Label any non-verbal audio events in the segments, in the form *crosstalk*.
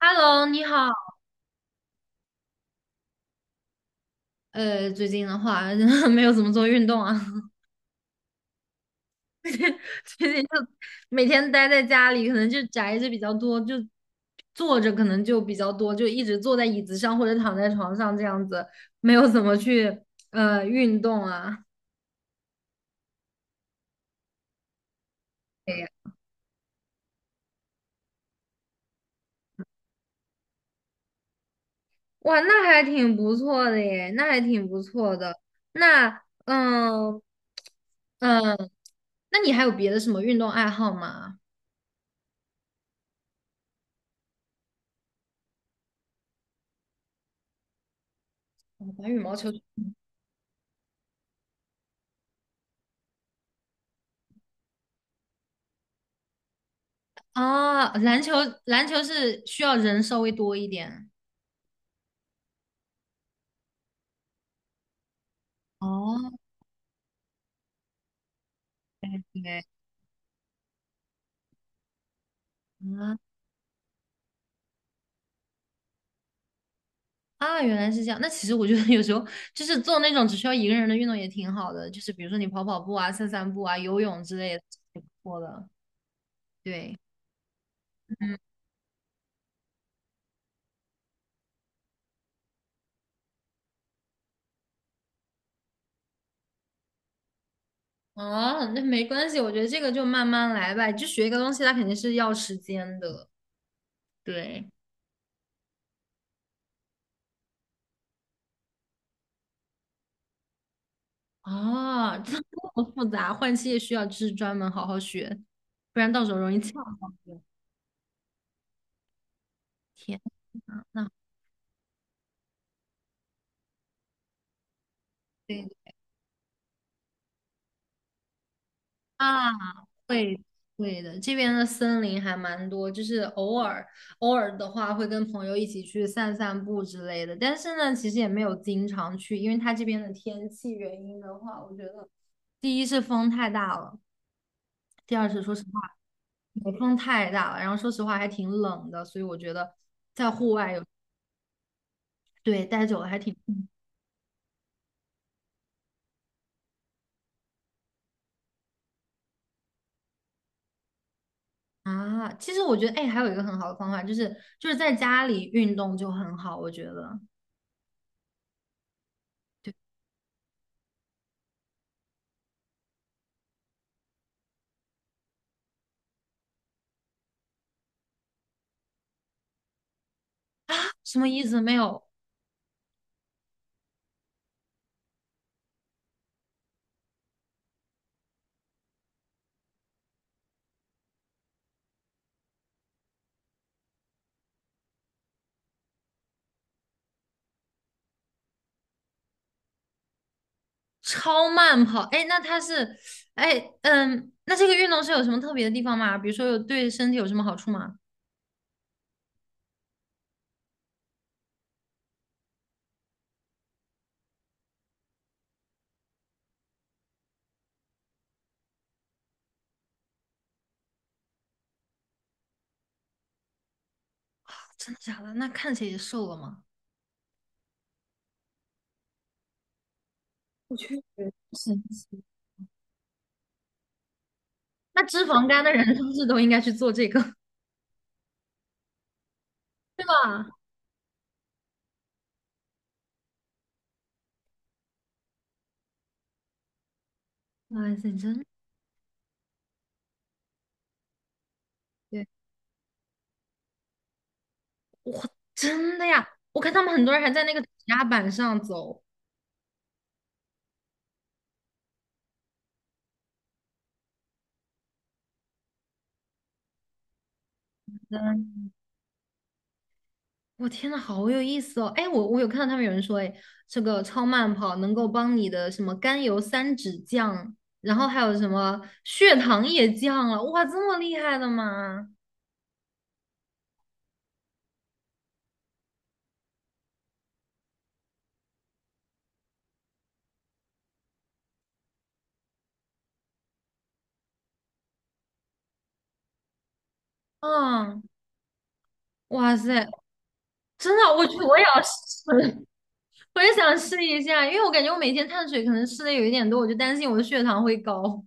Hello，你好。最近的话 *laughs* 没有怎么做运动啊，*laughs* 最近就每天待在家里，可能就宅着比较多，就坐着可能就比较多，就一直坐在椅子上或者躺在床上这样子，没有怎么去运动啊。哎呀哇，那还挺不错的耶，那还挺不错的。那嗯嗯，那你还有别的什么运动爱好吗？哦打羽毛球。啊，篮球是需要人稍微多一点。哦，对啊啊，原来是这样。那其实我觉得有时候就是做那种只需要一个人的运动也挺好的，就是比如说你跑跑步啊、散散步啊、游泳之类的，挺不错的。对，嗯，哦，那没关系，我觉得这个就慢慢来吧。就学一个东西，它肯定是要时间的。对，哦，*laughs* 这么复杂，换气也需要就是专门好好学，不然到时候容易翘上去。天呐，那对。啊，会会的，这边的森林还蛮多，就是偶尔的话会跟朋友一起去散散步之类的，但是呢，其实也没有经常去，因为它这边的天气原因的话，我觉得第一是风太大了，第二是说实话北风太大了，然后说实话还挺冷的，所以我觉得在户外有对待久了还挺啊。其实我觉得哎，还有一个很好的方法就是在家里运动就很好，我觉得对什么意思没有？超慢跑，哎，那它是，哎，嗯，那这个运动是有什么特别的地方吗？比如说有对身体有什么好处吗？真的假的？那看起来也瘦了吗？我去，神奇。那脂肪肝的人是不是都应该去做这个，*laughs* 对吧？哇塞，真对，真的呀！我看他们很多人还在那个指压板上走。我天呐，好有意思哦！哎，我有看到他们有人说，哎，这个超慢跑能够帮你的什么甘油三酯降，然后还有什么血糖也降了，哇，这么厉害的吗？啊，哇塞，真的，我去，我也要试 *laughs* 我也想试一下，因为我感觉我每天碳水可能吃的有一点多，我就担心我的血糖会高，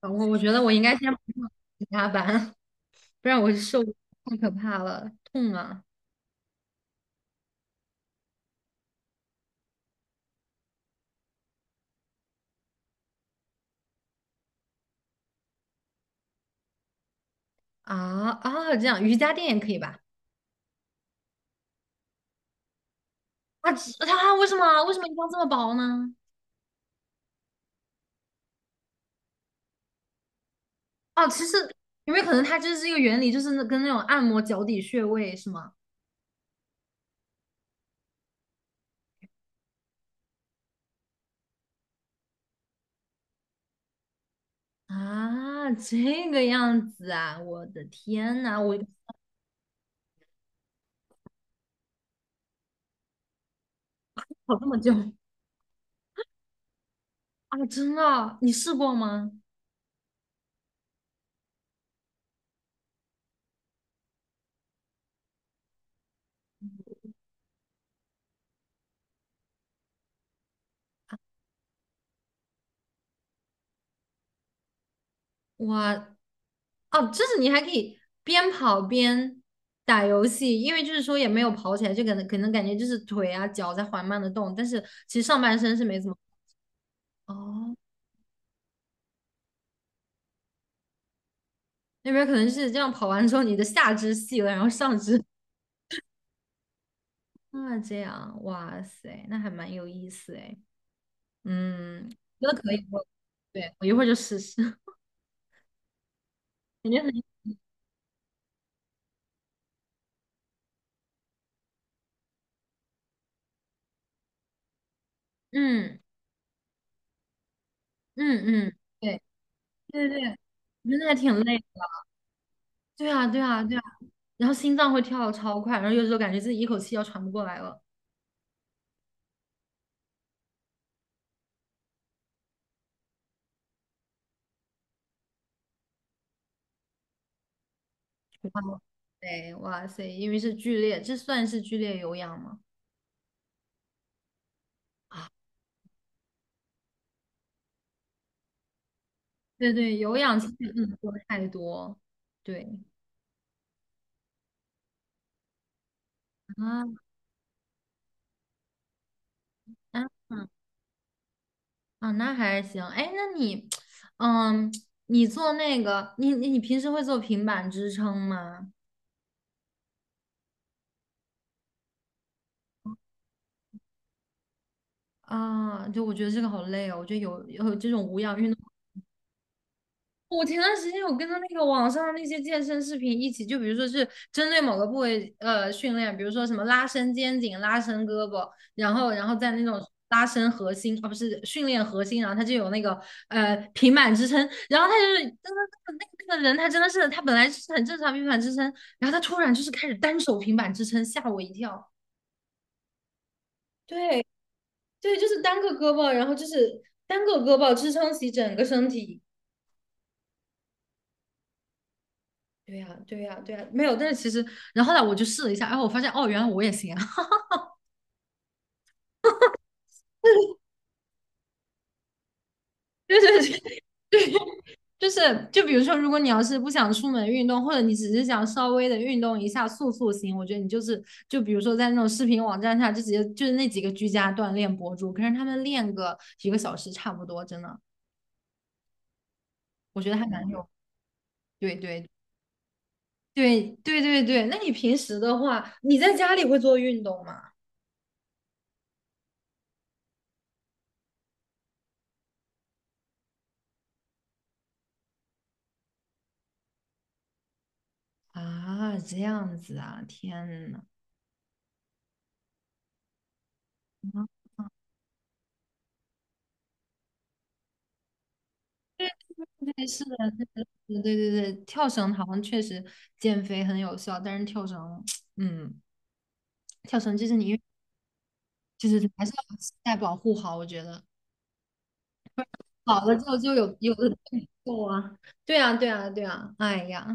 嗯我觉得我应该先不上加班，*laughs* 不然我瘦太可怕了，痛啊啊啊！这样瑜伽垫也可以吧？啊，其它为什么一定要这么薄呢？哦，其实有没有可能它就是这个原理，就是那跟那种按摩脚底穴位是吗？啊，这个样子啊，我的天呐，我 *laughs* 跑这么久啊，真的，你试过吗？哇，哦，就是你还可以边跑边打游戏，因为就是说也没有跑起来，就可能感觉就是腿啊脚在缓慢的动，但是其实上半身是没怎么。哦，那边可能是这样跑完之后，你的下肢细了，然后上肢啊，这样，哇塞，那还蛮有意思哎。嗯，觉得可以，我对我一会儿就试试，*laughs* 感觉很，嗯嗯嗯，对对对对，我觉得还挺累的。对啊对啊对啊，然后心脏会跳的超快，然后有时候感觉自己一口气要喘不过来了。哇塞哇塞，因为是剧烈，这算是剧烈有氧吗？啊，对对，有氧其实不能做太多。对啊啊。啊，那还行。哎，那你，嗯，你做那个，你平时会做平板支撑吗？啊，就我觉得这个好累哦。我觉得有这种无氧运动。我前段时间有跟着那个网上那些健身视频一起，就比如说是针对某个部位训练，比如说什么拉伸肩颈、拉伸胳膊，然后再那种拉伸核心，啊不是训练核心，然后他就有那个平板支撑，然后他就是真的那个那个人他真的是他本来是很正常平板支撑，然后他突然就是开始单手平板支撑，吓我一跳。对对，就是单个胳膊，然后就是单个胳膊支撑起整个身体。对呀，对呀，对呀，没有。但是其实，然后后来我就试了一下，然后我发现，哦，原来我也行啊。*laughs* 对对对，就是，就比如说，如果你要是不想出门运动，或者你只是想稍微的运动一下塑塑形，我觉得你就是就比如说在那种视频网站上，就直接就是那几个居家锻炼博主，可是他们练个几个小时差不多，真的，我觉得还蛮有。对对对对对对。那你平时的话，你在家里会做运动吗？啊，这样子啊，天呐。啊对，是的，是的是的对对对，跳绳好像确实减肥很有效，但是跳绳，嗯，跳绳就是你运就是还是要膝盖保护好，我觉得老了之后就有的动作啊，对啊，对啊，对啊，哎呀，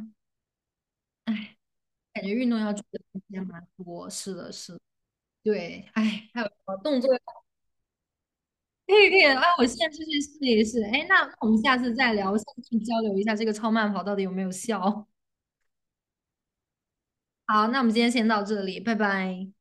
哎，感觉运动要注意的东西还蛮多，是的，是的，对，哎，还有什么动作要可以可以，哎，我现在就去试一试，哎，那那我们下次再聊，下次去交流一下这个超慢跑到底有没有效。好，那我们今天先到这里，拜拜。